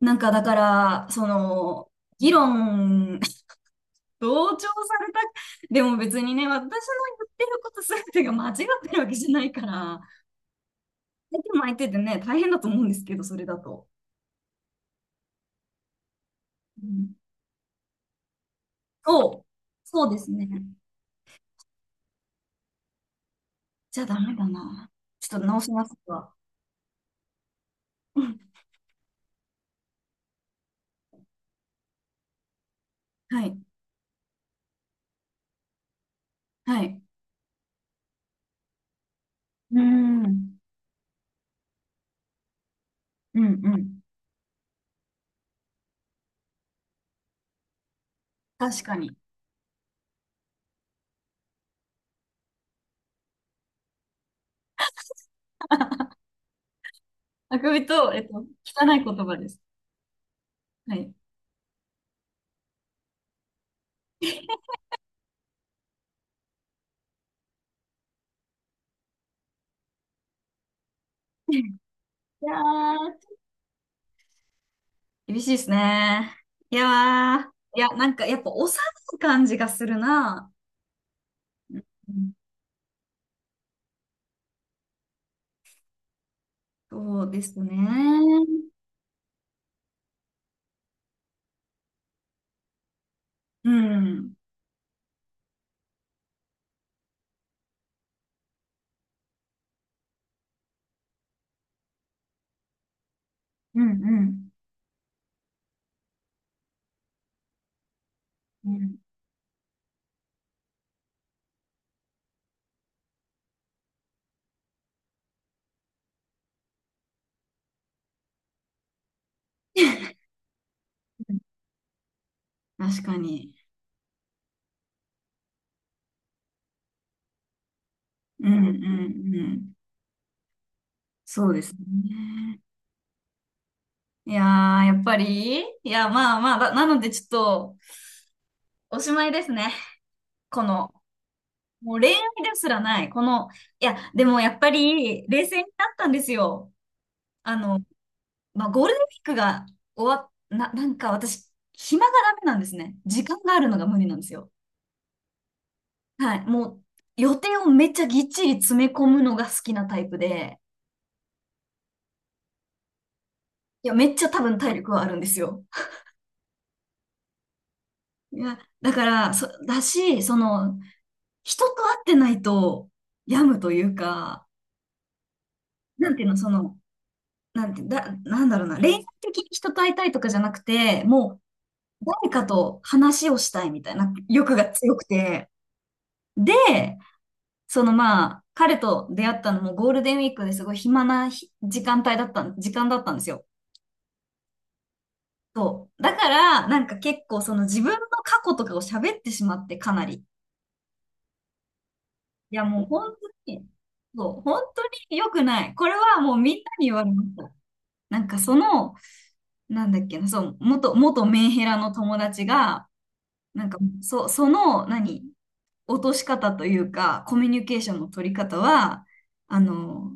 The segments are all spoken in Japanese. なんかだから、その、議論、同調された。でも別にね、私の言ってること全てが間違ってるわけじゃないから、相手も相手でね、大変だと思うんですけど、それだと。うん。そう。そうですね。じゃあダメだな。ちょっと直しますわ。うん。はい。はい。うーん。うん、うん。確かに。あくびと、汚い言葉です。はい。いやー。厳しいですね。いやー、いや、なんか、やっぱ幼い感じがするな。うん、そうですね。うん、うん、うん、うん。確かに。うん、うん、うん。そうですね。いやー、やっぱり、いや、まあまあ、なのでちょっと、おしまいですね。この、もう恋愛ですらない。いや、でもやっぱり、冷静になったんですよ。あの、まあ、ゴールデンウィークが終わっ、な、なんか私、暇がダメなんですね。時間があるのが無理なんですよ。はい。もう、予定をめっちゃぎっちり詰め込むのが好きなタイプで、いや、めっちゃ多分体力はあるんですよ。いや、だから、そ、だし、その、人と会ってないと、病むというか、なんていうの、その、なんて、だ、なんだろうな、恋愛的に人と会いたいとかじゃなくて、もう、誰かと話をしたいみたいな欲が強くて、で、まあ、彼と出会ったのもゴールデンウィークですごい暇なひ時間帯だったん、時間だったんですよ。そう。だから、なんか結構その自分の過去とかを喋ってしまってかなり。いやもう本当に、そう、本当に良くない。これはもうみんなに言われました。なんかその、なんだっけな、そう、元、元メンヘラの友達が、なんか、そ、その、何、落とし方というか、コミュニケーションの取り方は、あの、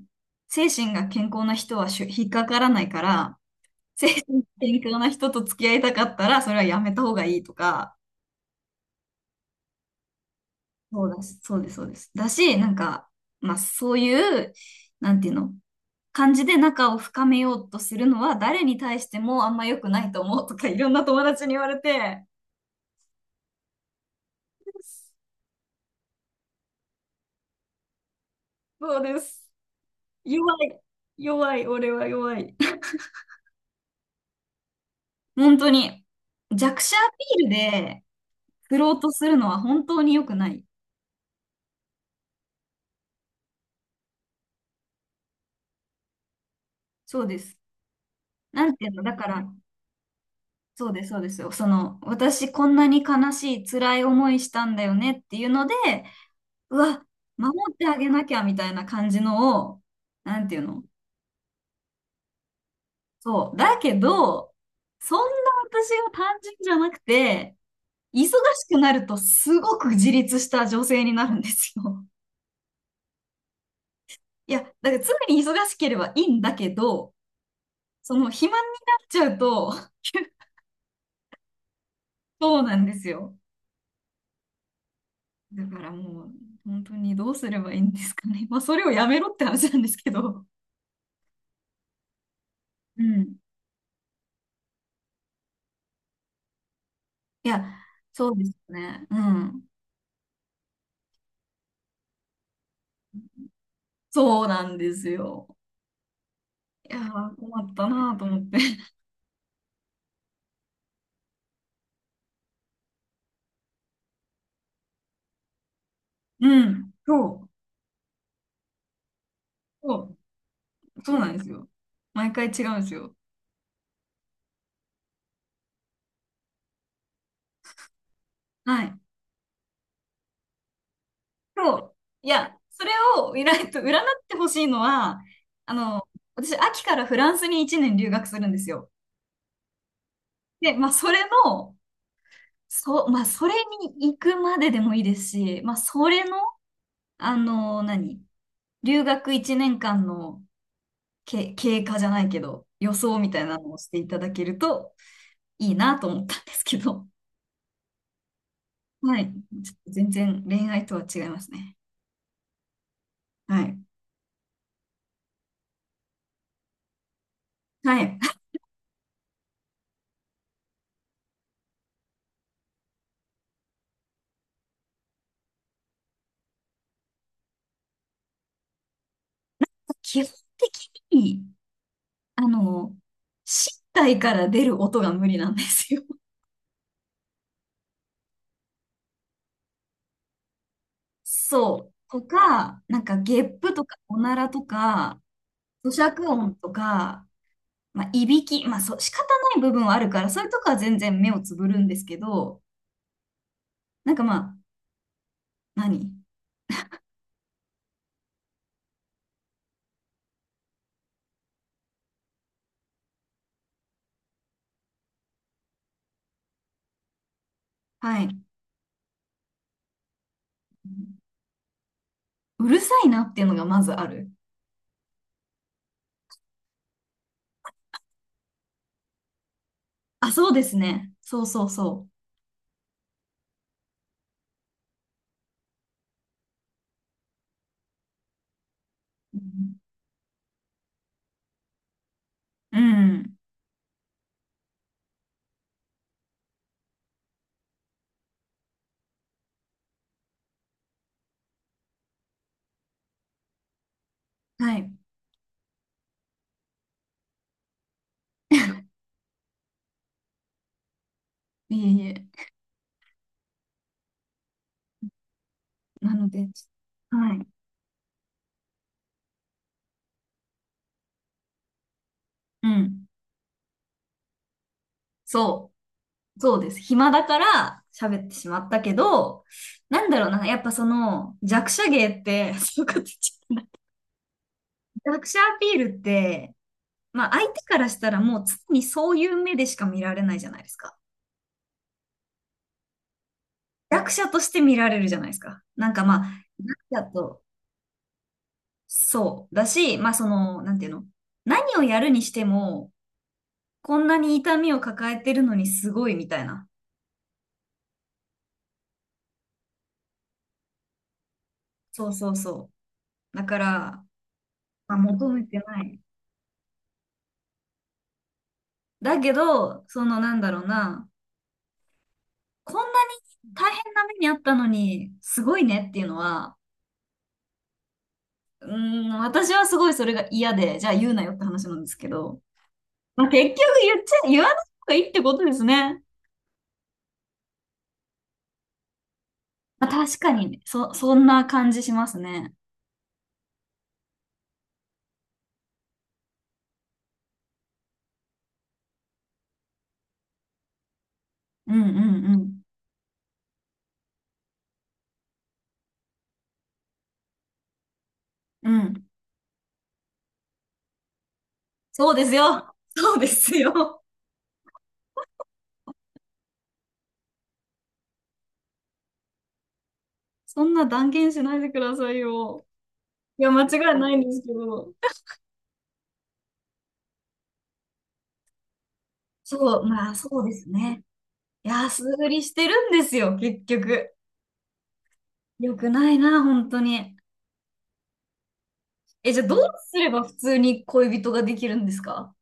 精神が健康な人は引っかからないから、精神が健康な人と付き合いたかったら、それはやめた方がいいとか、そうだし、そうです。だし、なんか、まあ、そういう、なんていうの、感じで仲を深めようとするのは、誰に対してもあんま良くないと思うとか、いろんな友達に言われて、そうです。弱い。弱い。俺は弱い。本当に弱者アピールで振ろうとするのは本当に良くない。そうです。なんていうの、だから、そうです、そうですよ。その、私こんなに悲しい、辛い思いしたんだよねっていうので、うわ、守ってあげなきゃみたいな感じのを、なんていうの。そう。だけど、そんな私が単純じゃなくて、忙しくなるとすごく自立した女性になるんですよ。いや、だから常に忙しければいいんだけど、その肥満になっちゃうと、そうなんですよ。だからもう、本当にどうすればいいんですかね。まあ、それをやめろって話なんですけど。うん。いや、そうですね。うん。そうなんですよ。いやー、困ったなーと思って。うん。そう。そう。そうなんですよ。毎回違うんですよ。はい。そう。いや、それを占いと、占ってほしいのは、あの、私、秋からフランスに1年留学するんですよ。で、まあ、それの、そう、まあ、それに行くまででもいいですし、まあ、それの、あの、何留学1年間の経過じゃないけど、予想みたいなのをしていただけるといいなと思ったんですけど、はい。ちょっと全然恋愛とは違いますね。はい。はい。基本的に、あの、身体から出る音が無理なんですよ。そう。とか、なんかゲップとかおならとか、咀嚼音とか、まあ、いびき、まあ、そう、仕方ない部分はあるから、そういうとこは全然目をつぶるんですけど、なんかまあ、何はい。うるさいなっていうのがまずある。あ、そうですね。そうそうそう。うん。うん。はい。いえいえ。なので、はい。うん。そう。そうです。暇だから喋ってしまったけど、なんだろうな。やっぱその弱者芸って、そういうこと言っちゃった弱者アピールって、まあ、相手からしたらもう常にそういう目でしか見られないじゃないですか。弱者として見られるじゃないですか。なんかまあ、弱者と、そう。だし、まあその、なんていうの。何をやるにしても、こんなに痛みを抱えてるのにすごいみたいな。そうそうそう。だから、まあ、求めてない。だけど、そのなんだろうな、こんなに大変な目にあったのに、すごいねっていうのは、うーん、私はすごいそれが嫌で、じゃあ言うなよって話なんですけど、まあ、結局言っちゃ、言わない方がいいってことですね。まあ、確かにね、そんな感じしますね。うんうんうん。うん。そうですよ。そうですよ。そんな断言しないでくださいよ。いや、間違いないんですけど。そう、まあ、そうですね。安売りしてるんですよ、結局。よくないな、本当に。え、じゃあどうすれば普通に恋人ができるんですか？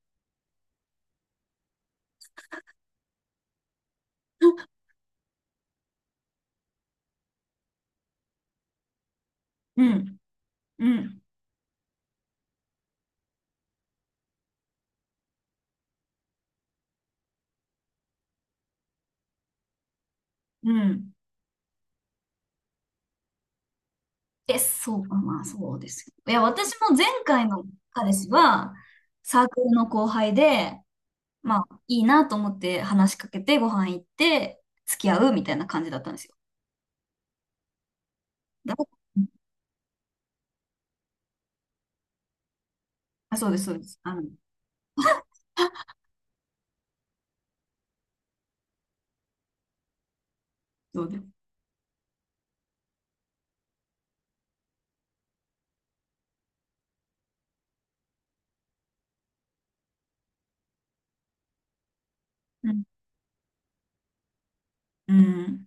うん、うん、うん。え、そうか、まあそうですよ。いや、私も前回の彼氏は、サークルの後輩で、まあいいなと思って話しかけてご飯行って付き合うみたいな感じだったんですよ。だあ、そうです。あの、そうです。うん。うん